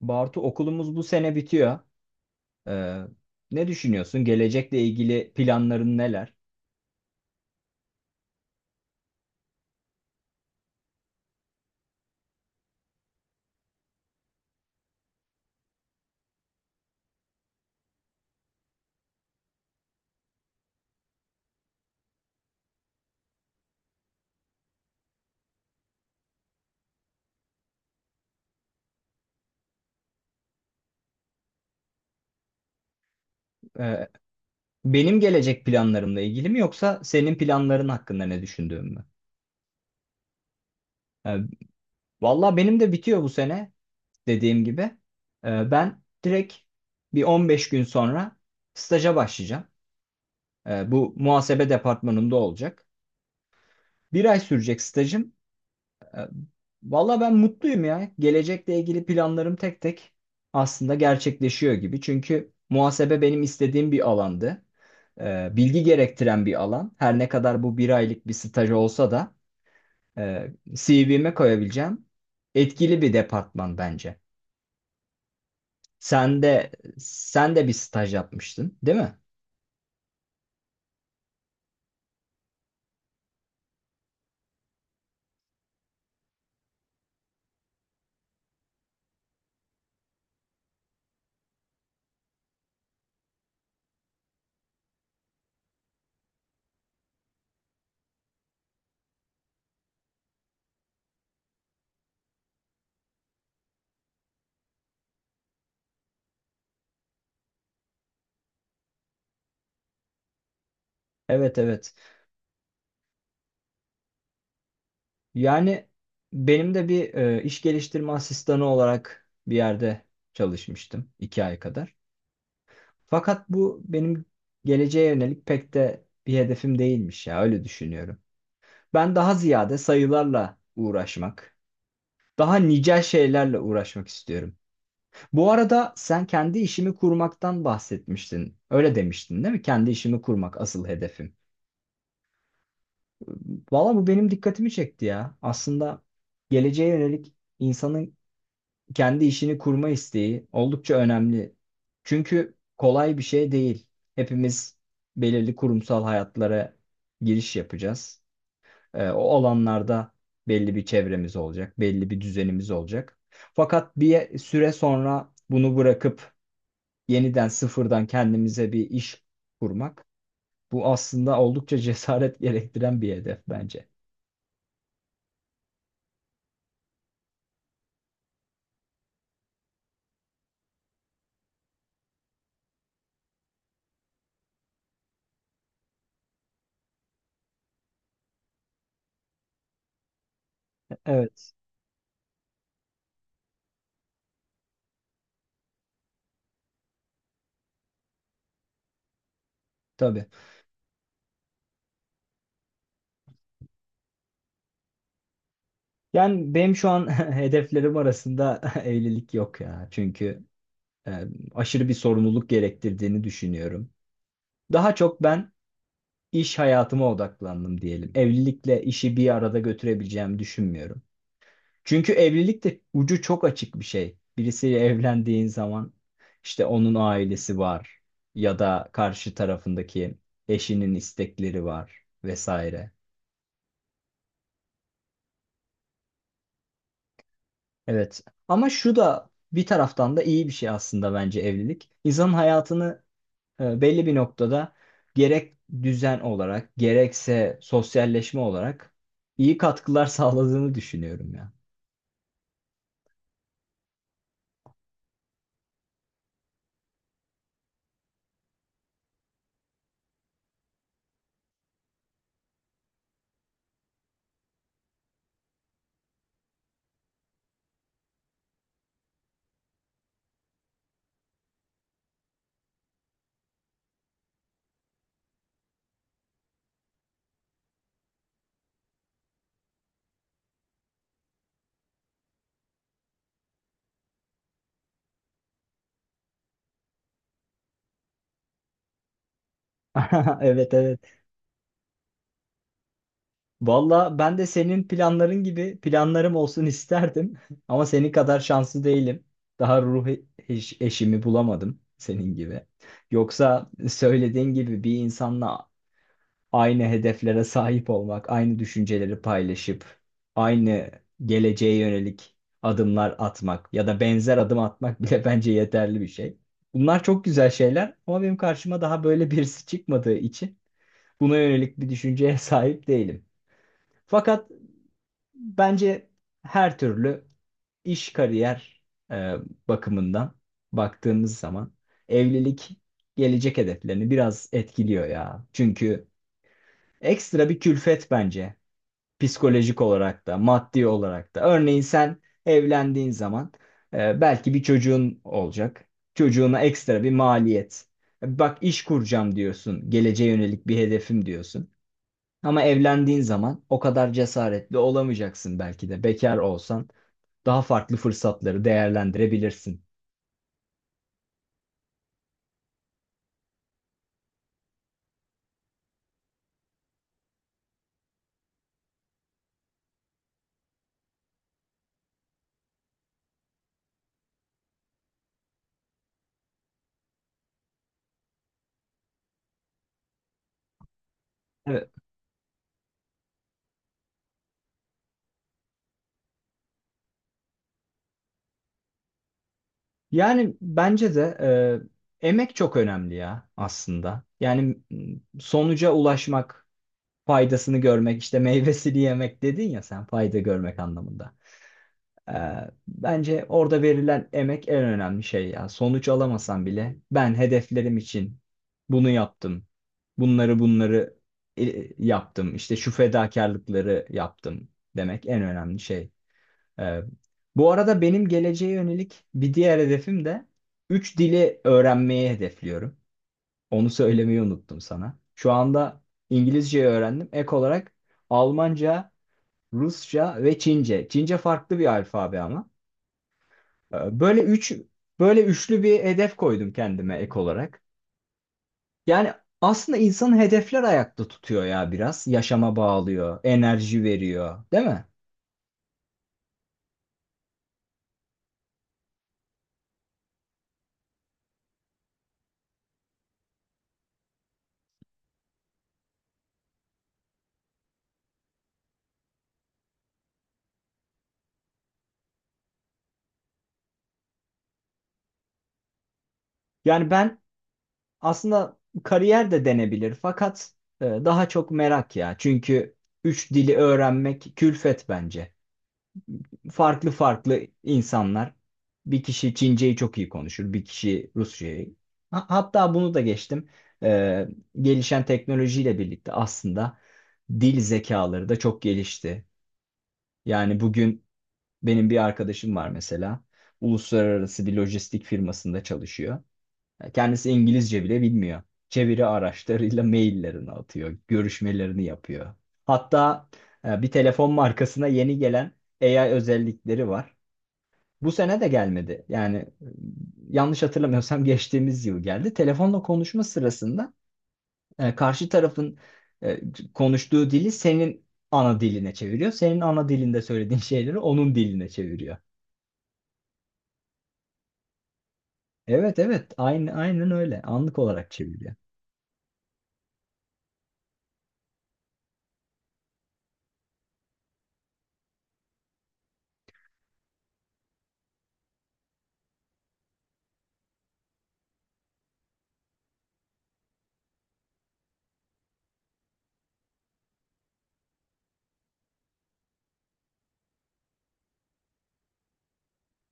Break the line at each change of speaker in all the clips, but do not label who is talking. Bartu okulumuz bu sene bitiyor. Ee, Ne düşünüyorsun? Gelecekle ilgili planların neler? Ee, Benim gelecek planlarımla ilgili mi yoksa senin planların hakkında ne düşündüğüm mü? Ee, Valla benim de bitiyor bu sene dediğim gibi. Ben direkt bir 15 gün sonra staja başlayacağım. Bu muhasebe departmanında olacak. Bir ay sürecek stajım. E, Valla ben mutluyum ya. Gelecekle ilgili planlarım tek tek aslında gerçekleşiyor gibi. Çünkü muhasebe benim istediğim bir alandı. Bilgi gerektiren bir alan. Her ne kadar bu bir aylık bir staj olsa da CV'me koyabileceğim etkili bir departman bence. Sen de sen de bir staj yapmıştın, değil mi? Evet, evet. Yani benim de bir iş geliştirme asistanı olarak bir yerde çalışmıştım iki ay kadar. Fakat bu benim geleceğe yönelik pek de bir hedefim değilmiş ya, öyle düşünüyorum. Ben daha ziyade sayılarla uğraşmak, daha nicel şeylerle uğraşmak istiyorum. Bu arada sen kendi işimi kurmaktan bahsetmiştin. Öyle demiştin değil mi? Kendi işimi kurmak asıl hedefim. Valla bu benim dikkatimi çekti ya. Aslında geleceğe yönelik insanın kendi işini kurma isteği oldukça önemli. Çünkü kolay bir şey değil. Hepimiz belirli kurumsal hayatlara giriş yapacağız. O alanlarda belli bir çevremiz olacak, belli bir düzenimiz olacak. Fakat bir süre sonra bunu bırakıp yeniden sıfırdan kendimize bir iş kurmak, bu aslında oldukça cesaret gerektiren bir hedef bence. Evet. Tabii. Yani benim şu an hedeflerim arasında evlilik yok ya. Çünkü e, aşırı bir sorumluluk gerektirdiğini düşünüyorum. Daha çok ben iş hayatıma odaklandım diyelim. Evlilikle işi bir arada götürebileceğimi düşünmüyorum. Çünkü evlilik de ucu çok açık bir şey. Birisiyle evlendiğin zaman işte onun ailesi var ya da karşı tarafındaki eşinin istekleri var vesaire. Evet. Ama şu da bir taraftan da iyi bir şey aslında bence evlilik. İnsanın hayatını belli bir noktada gerek düzen olarak gerekse sosyalleşme olarak iyi katkılar sağladığını düşünüyorum ya. Evet, evet. Valla ben de senin planların gibi planlarım olsun isterdim. Ama senin kadar şanslı değilim. Daha eşimi bulamadım senin gibi. Yoksa söylediğin gibi bir insanla aynı hedeflere sahip olmak, aynı düşünceleri paylaşıp, aynı geleceğe yönelik adımlar atmak ya da benzer adım atmak bile bence yeterli bir şey. Bunlar çok güzel şeyler ama benim karşıma daha böyle birisi çıkmadığı için buna yönelik bir düşünceye sahip değilim. Fakat bence her türlü iş kariyer e, bakımından baktığımız zaman evlilik gelecek hedeflerini biraz etkiliyor ya. Çünkü ekstra bir külfet bence, psikolojik olarak da maddi olarak da. Örneğin sen evlendiğin zaman belki bir çocuğun olacak. Çocuğuna ekstra bir maliyet. Bak, iş kuracağım diyorsun. Geleceğe yönelik bir hedefim diyorsun. Ama evlendiğin zaman o kadar cesaretli olamayacaksın, belki de bekar olsan daha farklı fırsatları değerlendirebilirsin. Evet. Yani bence de emek çok önemli ya aslında. Yani sonuca ulaşmak, faydasını görmek, işte meyvesini yemek dedin ya sen, fayda görmek anlamında. E, Bence orada verilen emek en önemli şey ya. Sonuç alamasan bile ben hedeflerim için bunu yaptım. Bunları yaptım. İşte şu fedakarlıkları yaptım demek en önemli şey. Ee, Bu arada benim geleceğe yönelik bir diğer hedefim de 3 dili öğrenmeyi hedefliyorum. Onu söylemeyi unuttum sana. Şu anda İngilizceyi öğrendim. Ek olarak Almanca, Rusça ve Çince. Çince farklı bir alfabe ama. Ee, Böyle üç, Böyle üçlü bir hedef koydum kendime ek olarak. Yani aslında insanın hedefler ayakta tutuyor ya biraz. Yaşama bağlıyor, enerji veriyor, değil mi? Yani ben aslında kariyer de denebilir fakat daha çok merak ya. Çünkü üç dili öğrenmek külfet bence. Farklı farklı insanlar. Bir kişi Çince'yi çok iyi konuşur, bir kişi Rusça'yı. Hatta bunu da geçtim. E, Gelişen teknolojiyle birlikte aslında dil zekaları da çok gelişti. Yani bugün benim bir arkadaşım var mesela. Uluslararası bir lojistik firmasında çalışıyor. Kendisi İngilizce bile bilmiyor. Çeviri araçlarıyla maillerini atıyor, görüşmelerini yapıyor. Hatta bir telefon markasına yeni gelen AI özellikleri var. Bu sene de gelmedi. Yani yanlış hatırlamıyorsam geçtiğimiz yıl geldi. Telefonla konuşma sırasında karşı tarafın e, konuştuğu dili senin ana diline çeviriyor. Senin ana dilinde söylediğin şeyleri onun diline çeviriyor. Evet, evet, aynen öyle. Anlık olarak çeviriyor.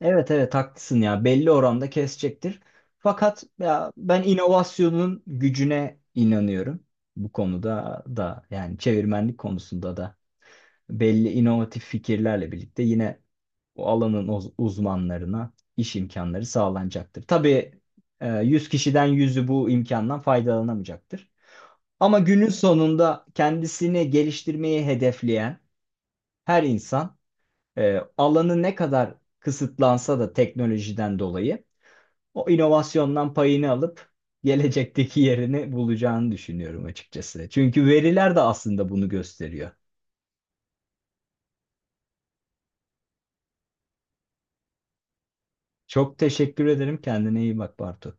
Evet, evet, haklısın ya, belli oranda kesecektir. Fakat ya ben inovasyonun gücüne inanıyorum. Bu konuda da yani çevirmenlik konusunda da belli inovatif fikirlerle birlikte yine o alanın uzmanlarına iş imkanları sağlanacaktır. Tabii 100 kişiden yüzü bu imkandan faydalanamayacaktır. Ama günün sonunda kendisini geliştirmeyi hedefleyen her insan alanı ne kadar kısıtlansa da teknolojiden dolayı o inovasyondan payını alıp gelecekteki yerini bulacağını düşünüyorum açıkçası. Çünkü veriler de aslında bunu gösteriyor. Çok teşekkür ederim. Kendine iyi bak, Bartu.